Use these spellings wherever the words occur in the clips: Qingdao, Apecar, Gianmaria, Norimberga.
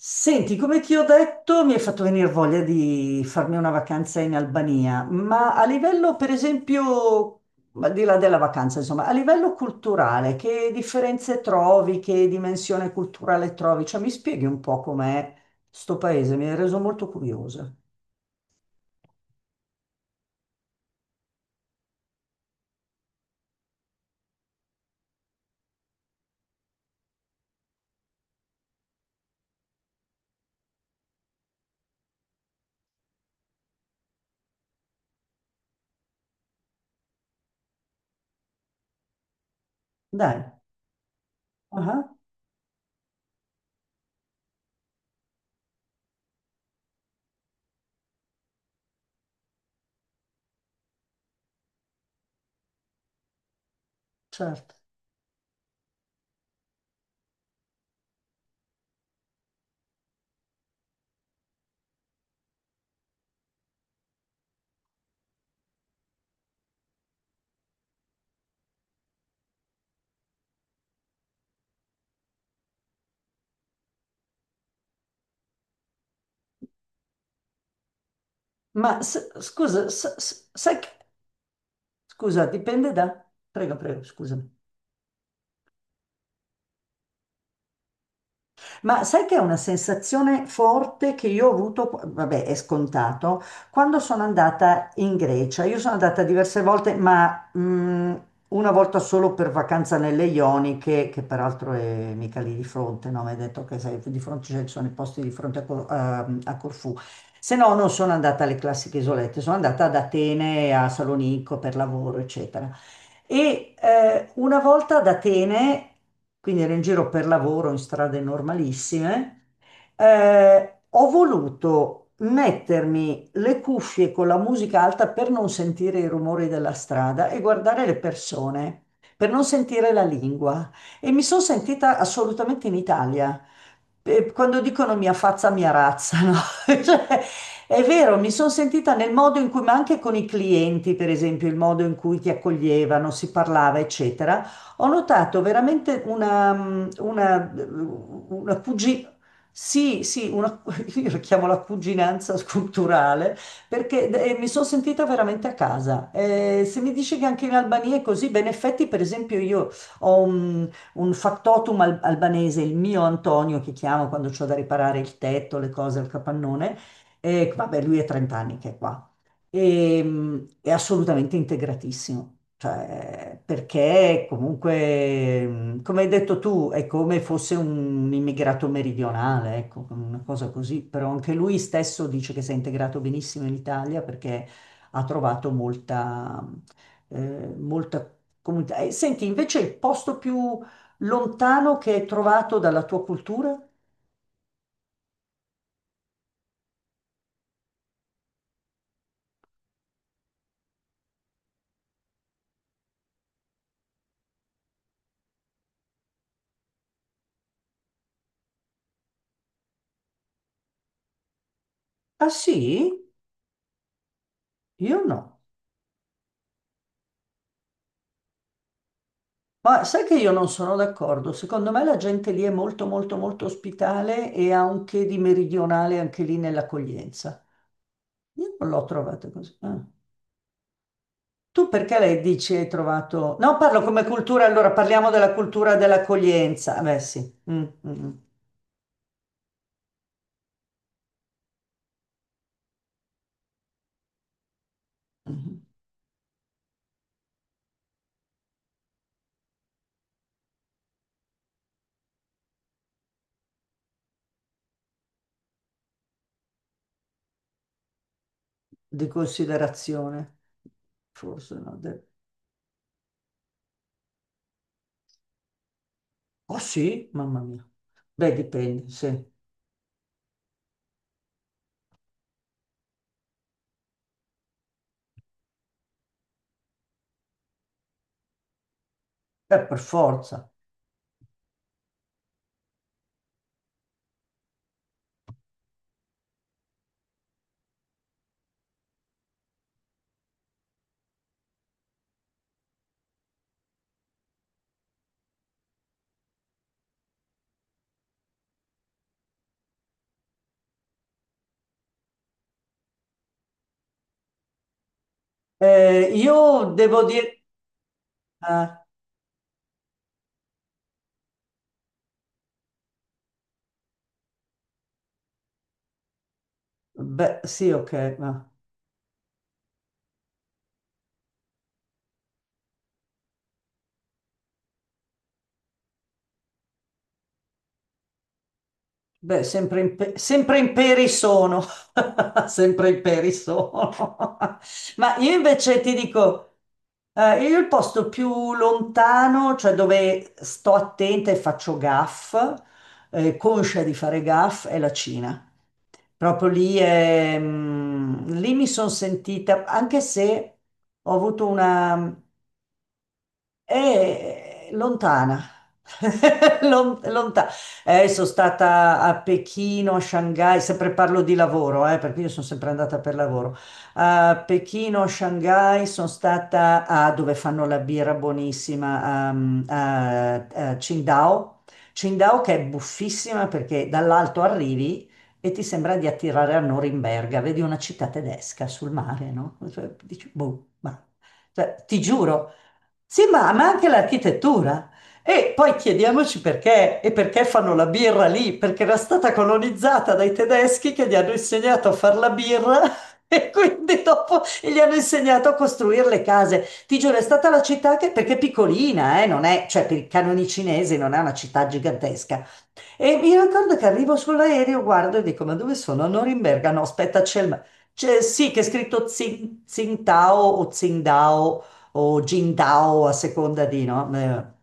Senti, come ti ho detto, mi hai fatto venire voglia di farmi una vacanza in Albania, ma a livello, per esempio, al di là della vacanza, insomma, a livello culturale, che differenze trovi, che dimensione culturale trovi? Cioè, mi spieghi un po' com'è sto paese, mi hai reso molto curiosa. Dai, ah, ah, certo. Ma scusa, sai che... Scusa, dipende da... Prego, prego, scusami. Ma sai che è una sensazione forte che io ho avuto, vabbè, è scontato, quando sono andata in Grecia. Io sono andata diverse volte, ma una volta solo per vacanza nelle Ioniche, che peraltro è mica lì di fronte, no? Mi hai detto che sei di fronte, cioè, ci sono i posti di fronte a Corfù. Se no, non sono andata alle classiche isolette, sono andata ad Atene, a Salonicco per lavoro, eccetera. E una volta ad Atene, quindi ero in giro per lavoro in strade normalissime, ho voluto mettermi le cuffie con la musica alta per non sentire i rumori della strada e guardare le persone, per non sentire la lingua. E mi sono sentita assolutamente in Italia. Quando dicono mia fazza, mia razza, no? Cioè, è vero, mi sono sentita nel modo in cui, ma anche con i clienti, per esempio, il modo in cui ti accoglievano, si parlava, eccetera, ho notato veramente una... Sì, sì, io la chiamo la cuginanza culturale perché mi sono sentita veramente a casa. Se mi dici che anche in Albania è così, beh, in effetti, per esempio, io ho un factotum albanese, il mio Antonio che chiamo quando ho da riparare il tetto, le cose, il capannone. E, vabbè, lui è 30 anni che è qua. E è assolutamente integratissimo, cioè, perché comunque, come hai detto tu, è come fosse un immigrato meridionale, ecco, una cosa così, però anche lui stesso dice che si è integrato benissimo in Italia perché ha trovato eh, molta comunità. E senti, invece il posto più lontano che hai trovato dalla tua cultura? Ah sì? Io no. Ma sai che io non sono d'accordo, secondo me la gente lì è molto molto molto ospitale e ha un che di meridionale anche lì nell'accoglienza. Io non l'ho trovata così. Ah. Tu perché lei dici hai trovato... No, parlo come cultura, allora parliamo della cultura dell'accoglienza. Beh, sì. Mm, mm, mm. Mm. Di considerazione, forse no. Oh sì, mamma mia. Beh, dipende, sì. Per forza. Io devo dire... ah, beh, sì, ok. Beh, sempre in peri sono, sempre in peri sono. Ma io invece ti dico, io il posto più lontano, cioè dove sto attenta e faccio gaff, conscia di fare gaff, è la Cina. Proprio lì, lì mi sono sentita, anche se ho avuto una, è lontana, lontana. Sono stata a Pechino, a Shanghai, sempre parlo di lavoro, perché io sono sempre andata per lavoro. A Pechino, a Shanghai, sono stata a dove fanno la birra buonissima, a Qingdao. Qingdao che è buffissima perché dall'alto arrivi e ti sembra di attirare a Norimberga, vedi una città tedesca sul mare, no? Cioè, dici, boh, ma... Cioè, ti giuro, sì, ma anche l'architettura. E poi chiediamoci perché e perché fanno la birra lì, perché era stata colonizzata dai tedeschi che gli hanno insegnato a fare la birra e quindi dopo gli hanno insegnato a costruire le case. Ti giuro, è stata la città che, perché è piccolina, non è, cioè per i canoni cinesi non è una città gigantesca, e mi ricordo che arrivo sull'aereo, guardo e dico: ma dove sono? A Norimberga? No, aspetta, c'è il. Ma- c'è- sì, che è scritto Tsingtao o Tsingdao o Jingdao a seconda di, no?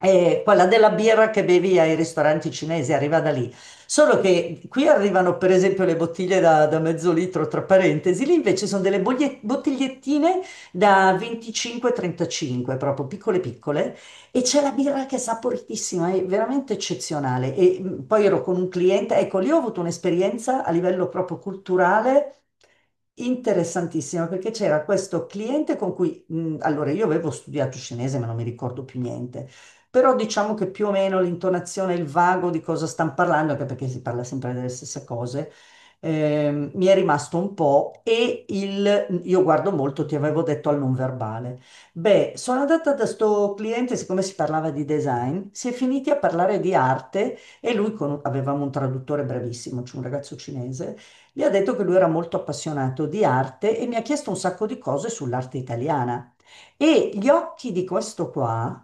E quella della birra che bevi ai ristoranti cinesi arriva da lì. Solo che qui arrivano, per esempio, le bottiglie da mezzo litro, tra parentesi, lì invece sono delle bottigliettine da 25-35, proprio piccole piccole, e c'è la birra che è saporitissima, è veramente eccezionale. E poi ero con un cliente, ecco, lì ho avuto un'esperienza a livello proprio culturale. Interessantissima perché c'era questo cliente con cui, allora io avevo studiato cinese ma non mi ricordo più niente, però diciamo che più o meno l'intonazione, il vago di cosa stanno parlando, anche perché si parla sempre delle stesse cose, mi è rimasto un po' io guardo molto, ti avevo detto, al non verbale. Beh, sono andata da sto cliente, siccome si parlava di design, si è finiti a parlare di arte e lui, avevamo un traduttore bravissimo, c'è un ragazzo cinese, gli ha detto che lui era molto appassionato di arte e mi ha chiesto un sacco di cose sull'arte italiana. E gli occhi di questo qua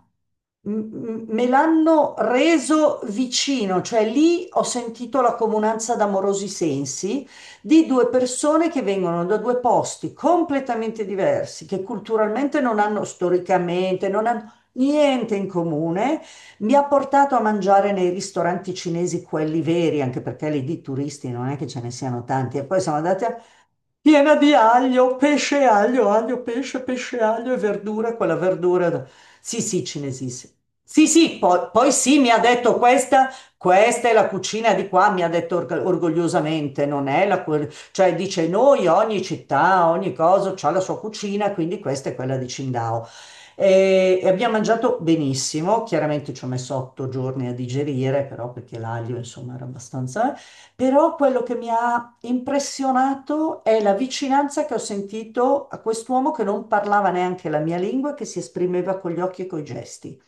me l'hanno reso vicino, cioè lì ho sentito la comunanza d'amorosi sensi di due persone che vengono da due posti completamente diversi, che culturalmente non hanno, storicamente, non hanno niente in comune. Mi ha portato a mangiare nei ristoranti cinesi, quelli veri, anche perché lì di turisti non è che ce ne siano tanti, e poi siamo andati a... Piena di aglio, pesce e aglio, aglio, pesce, pesce, e aglio e verdura, quella verdura. Sì, sì, cinesi. Sì, sì, poi sì, mi ha detto questa, questa è la cucina di qua, mi ha detto orgogliosamente, non è la... cioè dice noi, ogni città, ogni cosa ha la sua cucina, quindi questa è quella di Qingdao. E abbiamo mangiato benissimo, chiaramente ci ho messo otto giorni a digerire, però perché l'aglio, insomma, era abbastanza. Però quello che mi ha impressionato è la vicinanza che ho sentito a quest'uomo che non parlava neanche la mia lingua, e che si esprimeva con gli occhi e coi gesti.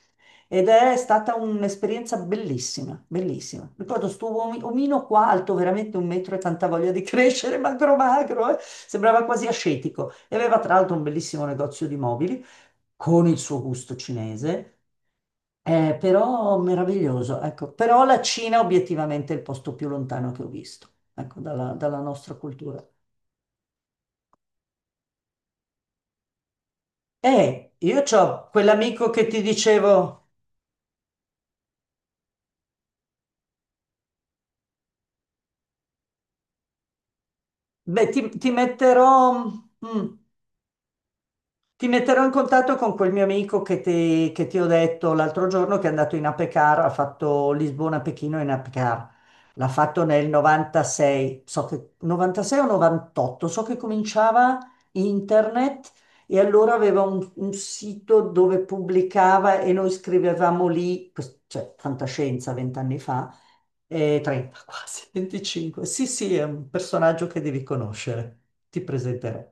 Ed è stata un'esperienza bellissima, bellissima. Ricordo sto omino qua, alto veramente un metro e tanta voglia di crescere, magro magro, sembrava quasi ascetico. E aveva tra l'altro un bellissimo negozio di mobili con il suo gusto cinese, però meraviglioso, ecco. Però la Cina obiettivamente è il posto più lontano che ho visto, ecco, dalla nostra cultura. E io ho quell'amico che ti dicevo, beh, mm, ti metterò in contatto con quel mio amico che ti ho detto l'altro giorno che è andato in Apecar, ha fatto Lisbona-Pechino in Apecar. L'ha fatto nel 96, so che 96 o 98, so che cominciava internet e allora aveva un sito dove pubblicava e noi scrivevamo lì, cioè fantascienza vent'anni fa, 30 quasi, 25. Sì, sì, è un personaggio che devi conoscere. Ti presenterò.